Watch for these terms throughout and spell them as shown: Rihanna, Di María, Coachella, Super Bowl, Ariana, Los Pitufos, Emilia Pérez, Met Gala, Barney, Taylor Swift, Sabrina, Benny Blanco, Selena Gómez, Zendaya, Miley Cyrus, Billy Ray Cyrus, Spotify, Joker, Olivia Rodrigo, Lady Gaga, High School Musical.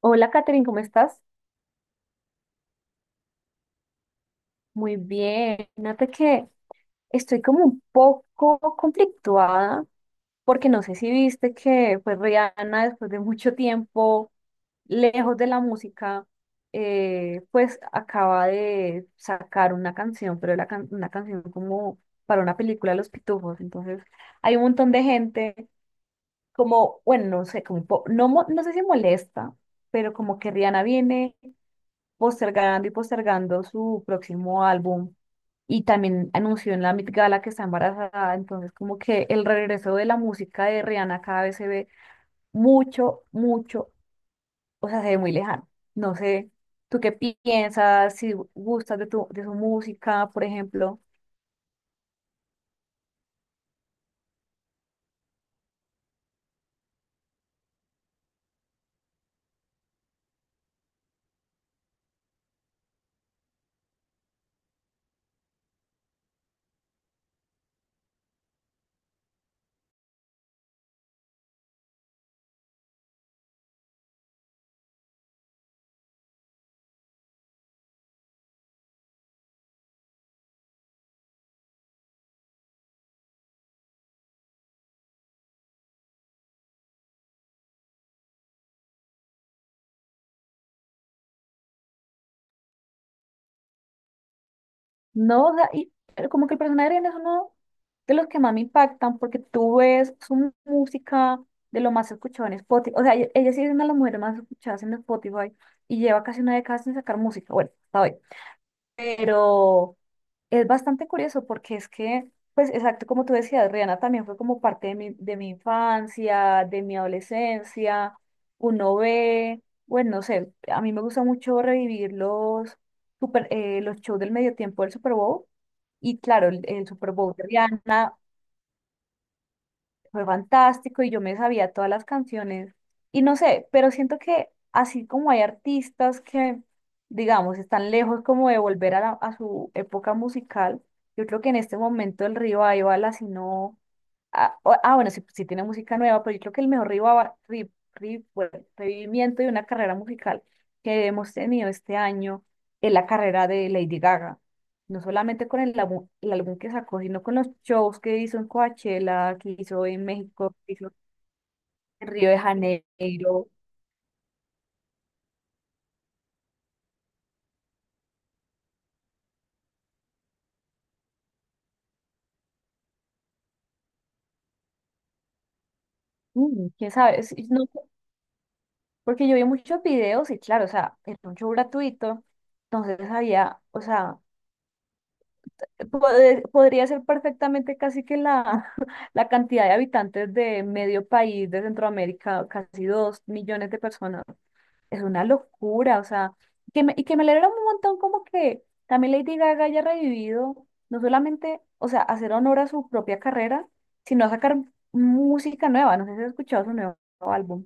Hola, Katherine, ¿cómo estás? Muy bien. Fíjate que estoy como un poco conflictuada porque no sé si viste que pues Rihanna después de mucho tiempo lejos de la música pues acaba de sacar una canción, pero una canción como para una película de Los Pitufos. Entonces hay un montón de gente como, bueno, no sé, como un po- no, mo- no sé si molesta, pero como que Rihanna viene postergando y postergando su próximo álbum y también anunció en la Met Gala que está embarazada, entonces como que el regreso de la música de Rihanna cada vez se ve mucho, mucho, o sea, se ve muy lejano. No sé, ¿tú qué piensas? Si gustas de de su música, por ejemplo. No, da- y pero como que el personaje de Ariana es uno de los que más me impactan porque tú ves su música de lo más escuchado en Spotify. O sea, ella sí es una de las mujeres más escuchadas en Spotify y lleva casi una década sin sacar música. Bueno, hasta hoy, pero es bastante curioso porque es que, pues exacto como tú decías, Rihanna también fue como parte de de mi infancia, de mi adolescencia, uno ve, bueno, no sé, a mí me gusta mucho revivir los shows del medio tiempo del Super Bowl. Y claro, el Super Bowl de Rihanna fue fantástico y yo me sabía todas las canciones. Y no sé, pero siento que así como hay artistas que, digamos, están lejos como de volver a su época musical, yo creo que en este momento el Revival, bala si no... bueno, sí, sí tiene música nueva, pero yo creo que el mejor bueno, revivimiento de una carrera musical que hemos tenido este año es la carrera de Lady Gaga, no solamente con el álbum que sacó, sino con los shows que hizo en Coachella, que hizo en México, que hizo en Río de Janeiro. Mm, quién sabe. No sé, porque yo vi muchos videos y claro, o sea, era un show gratuito, entonces había, o sea, podría ser perfectamente casi que la, la cantidad de habitantes de medio país de Centroamérica, casi 2.000.000 de personas. Es una locura, o sea, que me alegra un montón como que también Lady Gaga haya revivido, no solamente, o sea, hacer honor a su propia carrera, sino a sacar música nueva. No sé si has escuchado su nuevo álbum.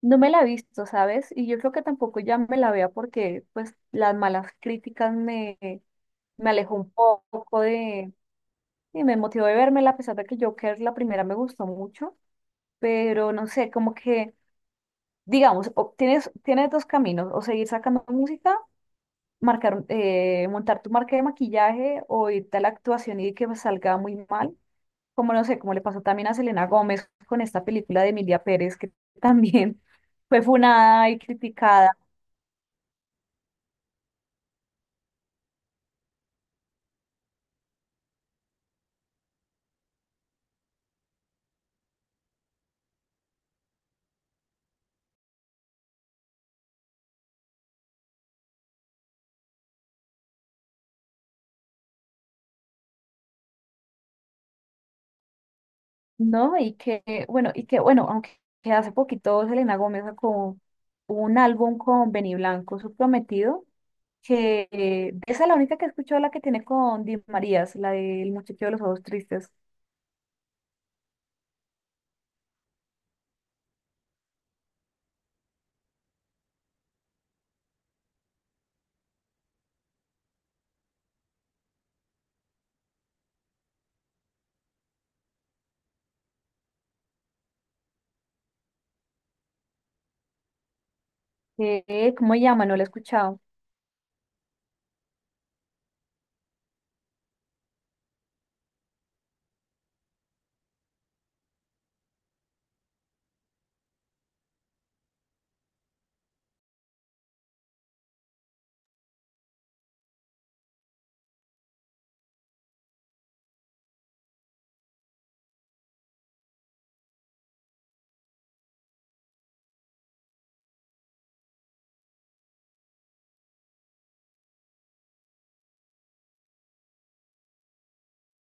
No me la he visto, ¿sabes? Y yo creo que tampoco ya me la vea porque pues las malas críticas me alejó un poco de, y me motivó de verme a pesar de que Joker la primera me gustó mucho, pero no sé, como que, digamos, tienes dos caminos, o seguir sacando música, marcar, montar tu marca de maquillaje o irte a la actuación y que pues, salga muy mal, como no sé, como le pasó también a Selena Gómez con esta película de Emilia Pérez, que también fue funada y criticada, ¿no? Y que, bueno, aunque que hace poquito Selena Gómez sacó un álbum con Benny Blanco, su prometido, que esa es la única que he escuchado, la que tiene con Di Marías, la del muchacho de los ojos tristes. ¿Cómo se llama? No la he escuchado.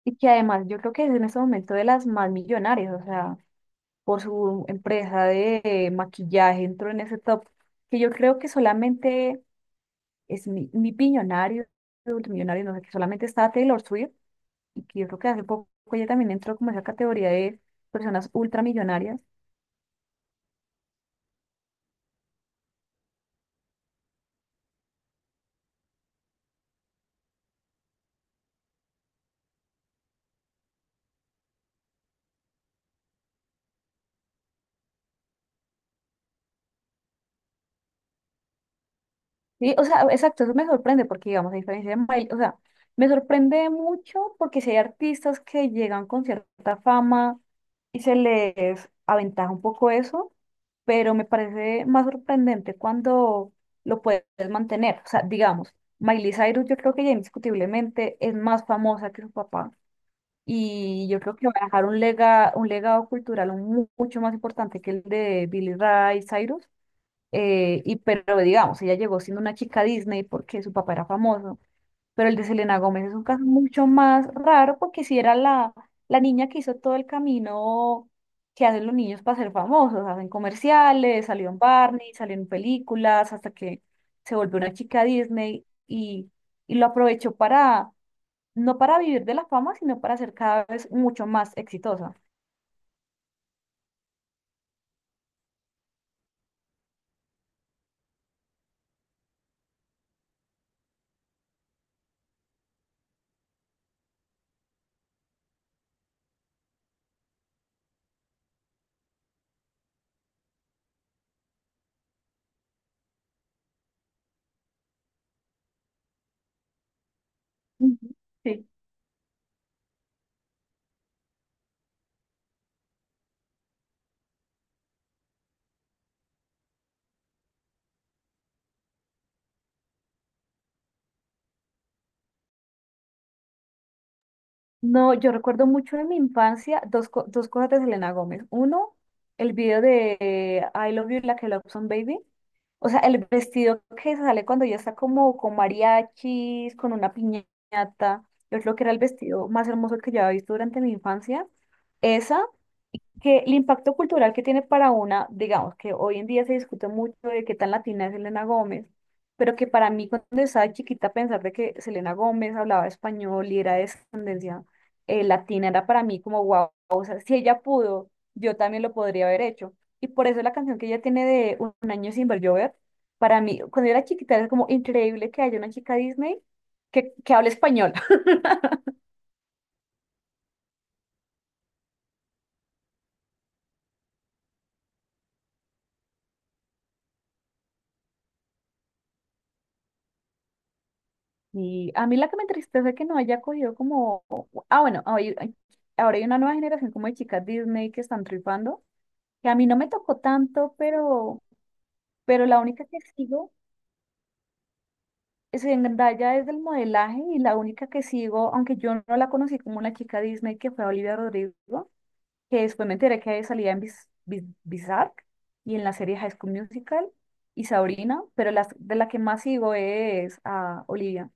Y que además yo creo que es en este momento de las más millonarias, o sea, por su empresa de maquillaje entró en ese top, que yo creo que solamente es mi billonario, multimillonario, no sé, que solamente está Taylor Swift, y que yo creo que hace poco ella también entró como en esa categoría de personas ultramillonarias. Sí, o sea, exacto, eso me sorprende porque, digamos, a diferencia de Miley, o sea, me sorprende mucho porque si hay artistas que llegan con cierta fama y se les aventaja un poco eso, pero me parece más sorprendente cuando lo puedes mantener. O sea, digamos, Miley Cyrus yo creo que ya indiscutiblemente es más famosa que su papá y yo creo que va a dejar un un legado cultural mucho más importante que el de Billy Ray Cyrus. Pero digamos, ella llegó siendo una chica Disney porque su papá era famoso, pero el de Selena Gómez es un caso mucho más raro porque si era la, la niña que hizo todo el camino que hacen los niños para ser famosos, hacen comerciales, salió en Barney, salió en películas, hasta que se volvió una chica Disney y lo aprovechó para, no para vivir de la fama, sino para ser cada vez mucho más exitosa. Ujú. Sí. No, yo recuerdo mucho en mi infancia dos, dos cosas de Selena Gómez. Uno, el video de I Love You Like a Lobson Baby. O sea, el vestido que sale cuando ya está como con mariachis, con una piñata. Yo creo que era el vestido más hermoso que yo había visto durante mi infancia. Esa que el impacto cultural que tiene para una, digamos que hoy en día se discute mucho de qué tan latina es Selena Gómez, pero que para mí cuando estaba chiquita pensar de que Selena Gómez hablaba español y era de descendencia latina era para mí como wow, o sea, si ella pudo, yo también lo podría haber hecho. Y por eso la canción que ella tiene de un año sin ver llover, para mí, cuando yo era chiquita era como increíble que haya una chica Disney que hable español. Y a mí la que me entristece es que no haya cogido como... Ah, bueno, ahora hay una nueva generación como de chicas Disney que están triunfando, que a mí no me tocó tanto, pero la única que sigo es en Zendaya es del modelaje y la única que sigo, aunque yo no la conocí como una chica Disney, que fue Olivia Rodrigo, que después me enteré que salía en Bizarre y en la serie High School Musical y Sabrina, pero las, de la que más sigo es a Olivia.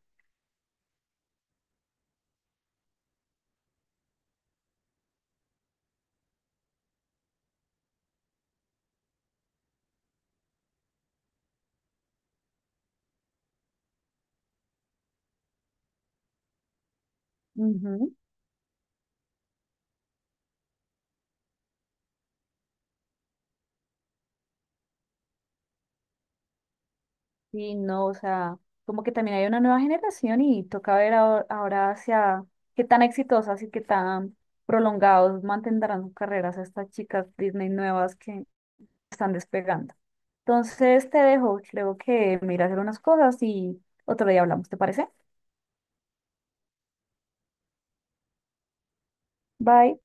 Ujú. Sí, no, o sea, como que también hay una nueva generación y toca ver ahora, ahora hacia qué tan exitosas y qué tan prolongados mantendrán sus carreras estas chicas Disney nuevas que están despegando. Entonces te dejo, creo que me iré a hacer unas cosas y otro día hablamos, ¿te parece? Bye.